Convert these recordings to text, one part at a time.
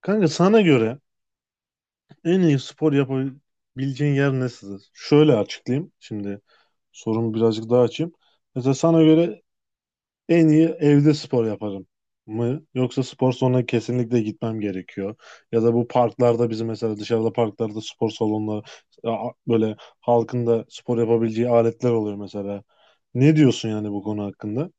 Kanka sana göre en iyi spor yapabileceğin yer nesidir? Şöyle açıklayayım. Şimdi sorumu birazcık daha açayım. Mesela sana göre en iyi evde spor yaparım mı? Yoksa spor salonuna kesinlikle gitmem gerekiyor. Ya da bu parklarda bizim mesela dışarıda parklarda spor salonları böyle halkın da spor yapabileceği aletler oluyor mesela. Ne diyorsun yani bu konu hakkında?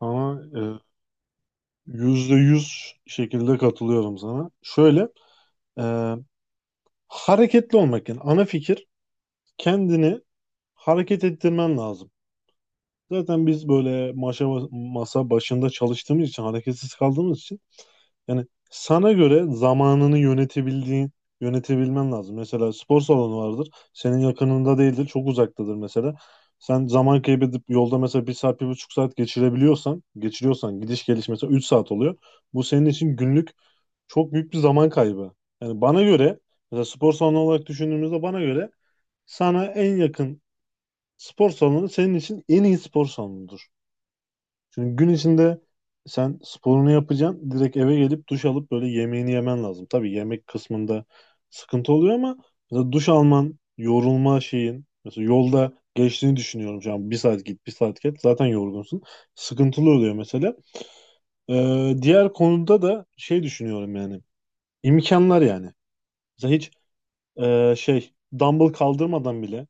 Ama yüzde yüz şekilde katılıyorum sana. Şöyle e, hareketli olmak yani ana fikir kendini hareket ettirmen lazım. Zaten biz böyle masa başında çalıştığımız için hareketsiz kaldığımız için yani sana göre zamanını yönetebildiğin yönetebilmen lazım. Mesela spor salonu vardır. Senin yakınında değildir. Çok uzaktadır mesela. Sen zaman kaybedip yolda mesela bir saat, bir buçuk saat geçiriyorsan gidiş geliş mesela 3 saat oluyor. Bu senin için günlük çok büyük bir zaman kaybı. Yani bana göre mesela spor salonu olarak düşündüğümüzde bana göre sana en yakın spor salonu senin için en iyi spor salonudur. Çünkü gün içinde sen sporunu yapacaksın. Direkt eve gelip duş alıp böyle yemeğini yemen lazım. Tabii yemek kısmında sıkıntı oluyor ama mesela duş alman, yorulma şeyin mesela yolda geçtiğini düşünüyorum şu an. Bir saat git, bir saat gel. Zaten yorgunsun. Sıkıntılı oluyor mesela. Diğer konuda da şey düşünüyorum yani. İmkanlar yani. Mesela hiç şey dumbbell kaldırmadan bile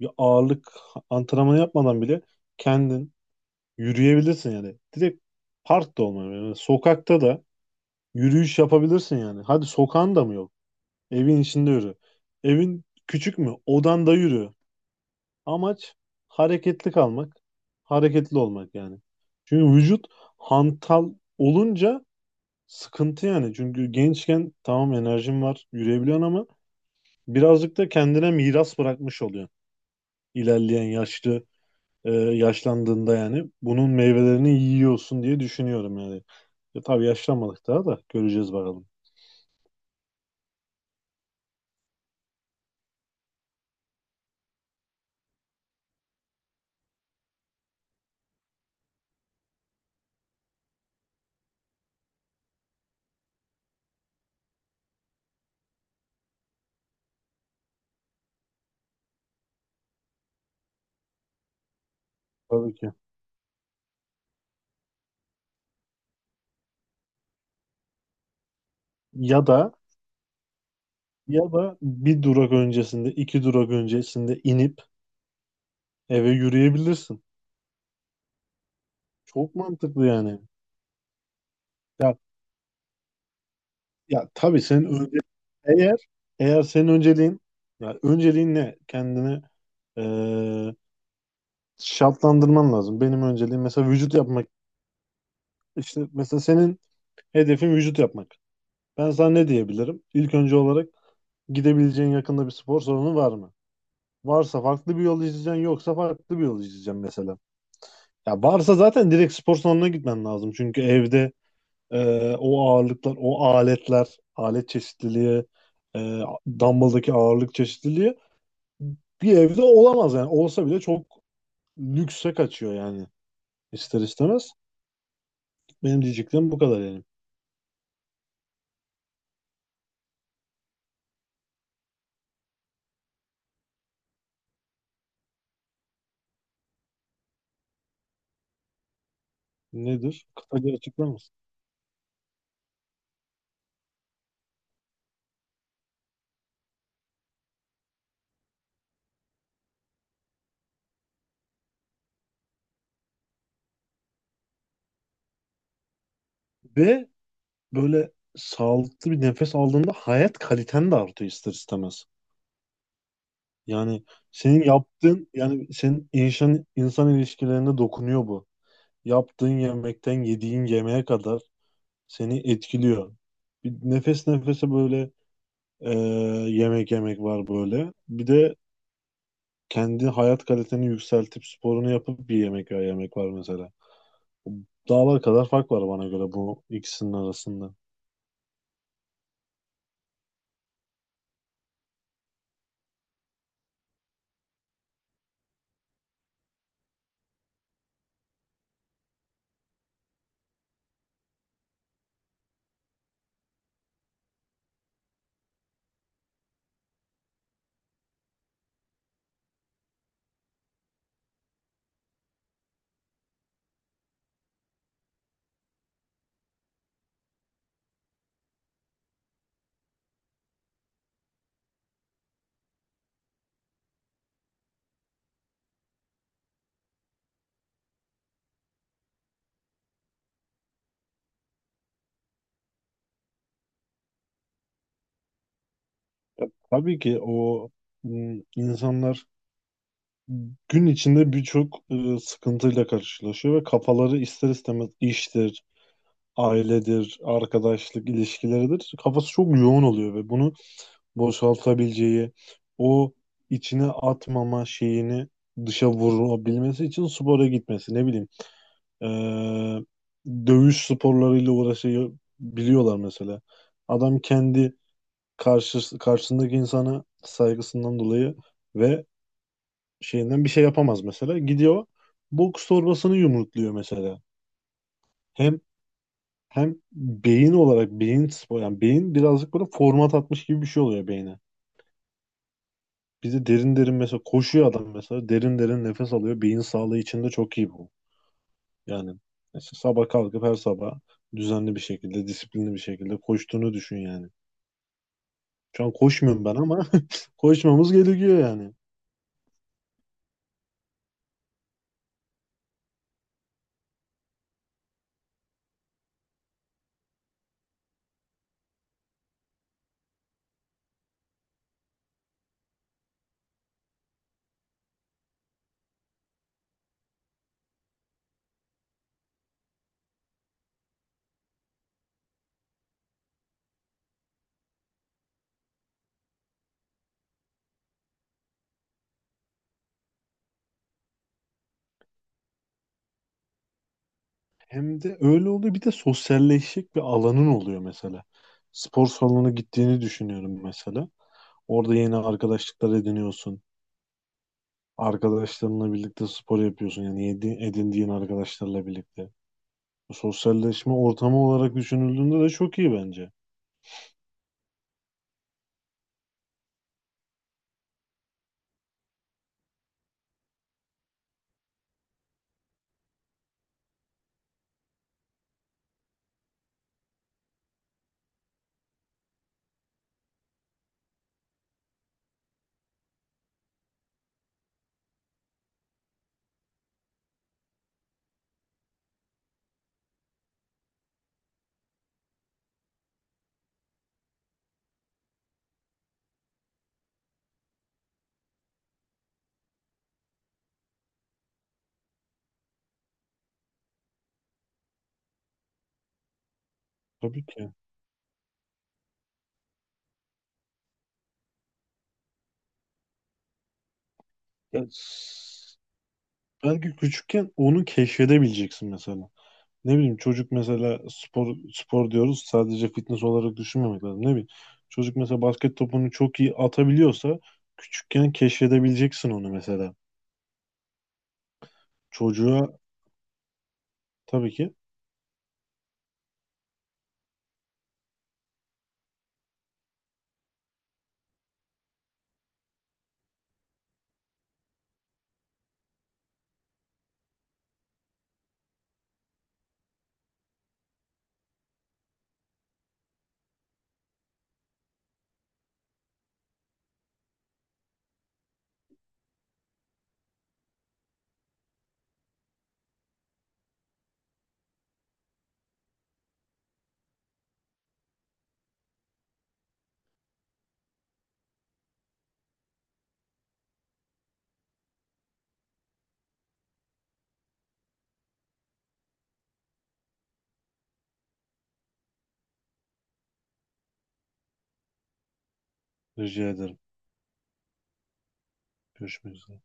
bir ağırlık antrenmanı yapmadan bile kendin yürüyebilirsin yani. Direkt parkta olmuyor. Yani sokakta da yürüyüş yapabilirsin yani. Hadi sokağın da mı yok? Evin içinde yürü. Evin küçük mü? Odanda yürü. Amaç hareketli kalmak, hareketli olmak yani. Çünkü vücut hantal olunca sıkıntı yani. Çünkü gençken tamam enerjin var, yürüyebiliyorsun ama birazcık da kendine miras bırakmış oluyor. İlerleyen yaşlandığında yani bunun meyvelerini yiyorsun diye düşünüyorum yani. Tabii yaşlanmadık daha da göreceğiz bakalım. Tabii ki. Ya da ya da bir durak öncesinde, iki durak öncesinde inip eve yürüyebilirsin. Çok mantıklı yani. Ya ya tabii senin eğer eğer senin önceliğin ya önceliğin ne? Kendini e, şartlandırman lazım. Benim önceliğim mesela vücut yapmak. İşte mesela senin hedefin vücut yapmak. Ben sana ne diyebilirim? İlk önce olarak gidebileceğin yakında bir spor salonu var mı? Varsa farklı bir yol izleyeceksin, yoksa farklı bir yol izleyeceksin mesela. Ya varsa zaten direkt spor salonuna gitmen lazım. Çünkü evde o ağırlıklar, o aletler, alet çeşitliliği, e, dumbbell'daki ağırlık çeşitliliği bir evde olamaz yani. Olsa bile çok lükse kaçıyor yani ister istemez. Benim diyeceklerim bu kadar yani. Nedir? Kısaca açıklar mısın? Ve böyle sağlıklı bir nefes aldığında hayat kaliten de artıyor ister istemez. Yani senin yaptığın yani senin insan ilişkilerine dokunuyor bu. Yaptığın yemekten yediğin yemeğe kadar seni etkiliyor. Bir nefes nefese böyle e, yemek yemek var böyle. Bir de kendi hayat kaliteni yükseltip sporunu yapıp bir yemek ya yemek var mesela. Dağlar kadar fark var bana göre bu ikisinin arasında. Tabii ki o insanlar gün içinde birçok sıkıntıyla karşılaşıyor ve kafaları ister istemez iştir, ailedir, arkadaşlık ilişkileridir. Kafası çok yoğun oluyor ve bunu boşaltabileceği, o içine atmama şeyini dışa vurabilmesi için spora gitmesi, ne bileyim, e, dövüş sporlarıyla uğraşabiliyorlar mesela. Adam kendi karşısındaki insana saygısından dolayı ve şeyinden bir şey yapamaz mesela. Gidiyor boks torbasını yumrukluyor mesela. Hem hem beyin olarak beyin spor yani beyin birazcık böyle format atmış gibi bir şey oluyor beyne. Bizi derin derin mesela koşuyor adam mesela derin derin nefes alıyor. Beyin sağlığı için de çok iyi bu. Yani mesela sabah kalkıp her sabah düzenli bir şekilde disiplinli bir şekilde koştuğunu düşün yani. Şu an koşmuyorum ben ama koşmamız gerekiyor yani. Hem de öyle oluyor. Bir de sosyalleşecek bir alanın oluyor mesela. Spor salonuna gittiğini düşünüyorum mesela. Orada yeni arkadaşlıklar ediniyorsun. Arkadaşlarınla birlikte spor yapıyorsun. Yani edindiğin arkadaşlarla birlikte. Bu sosyalleşme ortamı olarak düşünüldüğünde de çok iyi bence. Tabii ki. Ya, belki küçükken onu keşfedebileceksin mesela. Ne bileyim çocuk mesela spor spor diyoruz sadece fitness olarak düşünmemek lazım. Ne bileyim çocuk mesela basket topunu çok iyi atabiliyorsa küçükken keşfedebileceksin onu mesela. Çocuğa tabii ki rica ederim. Görüşmek üzere.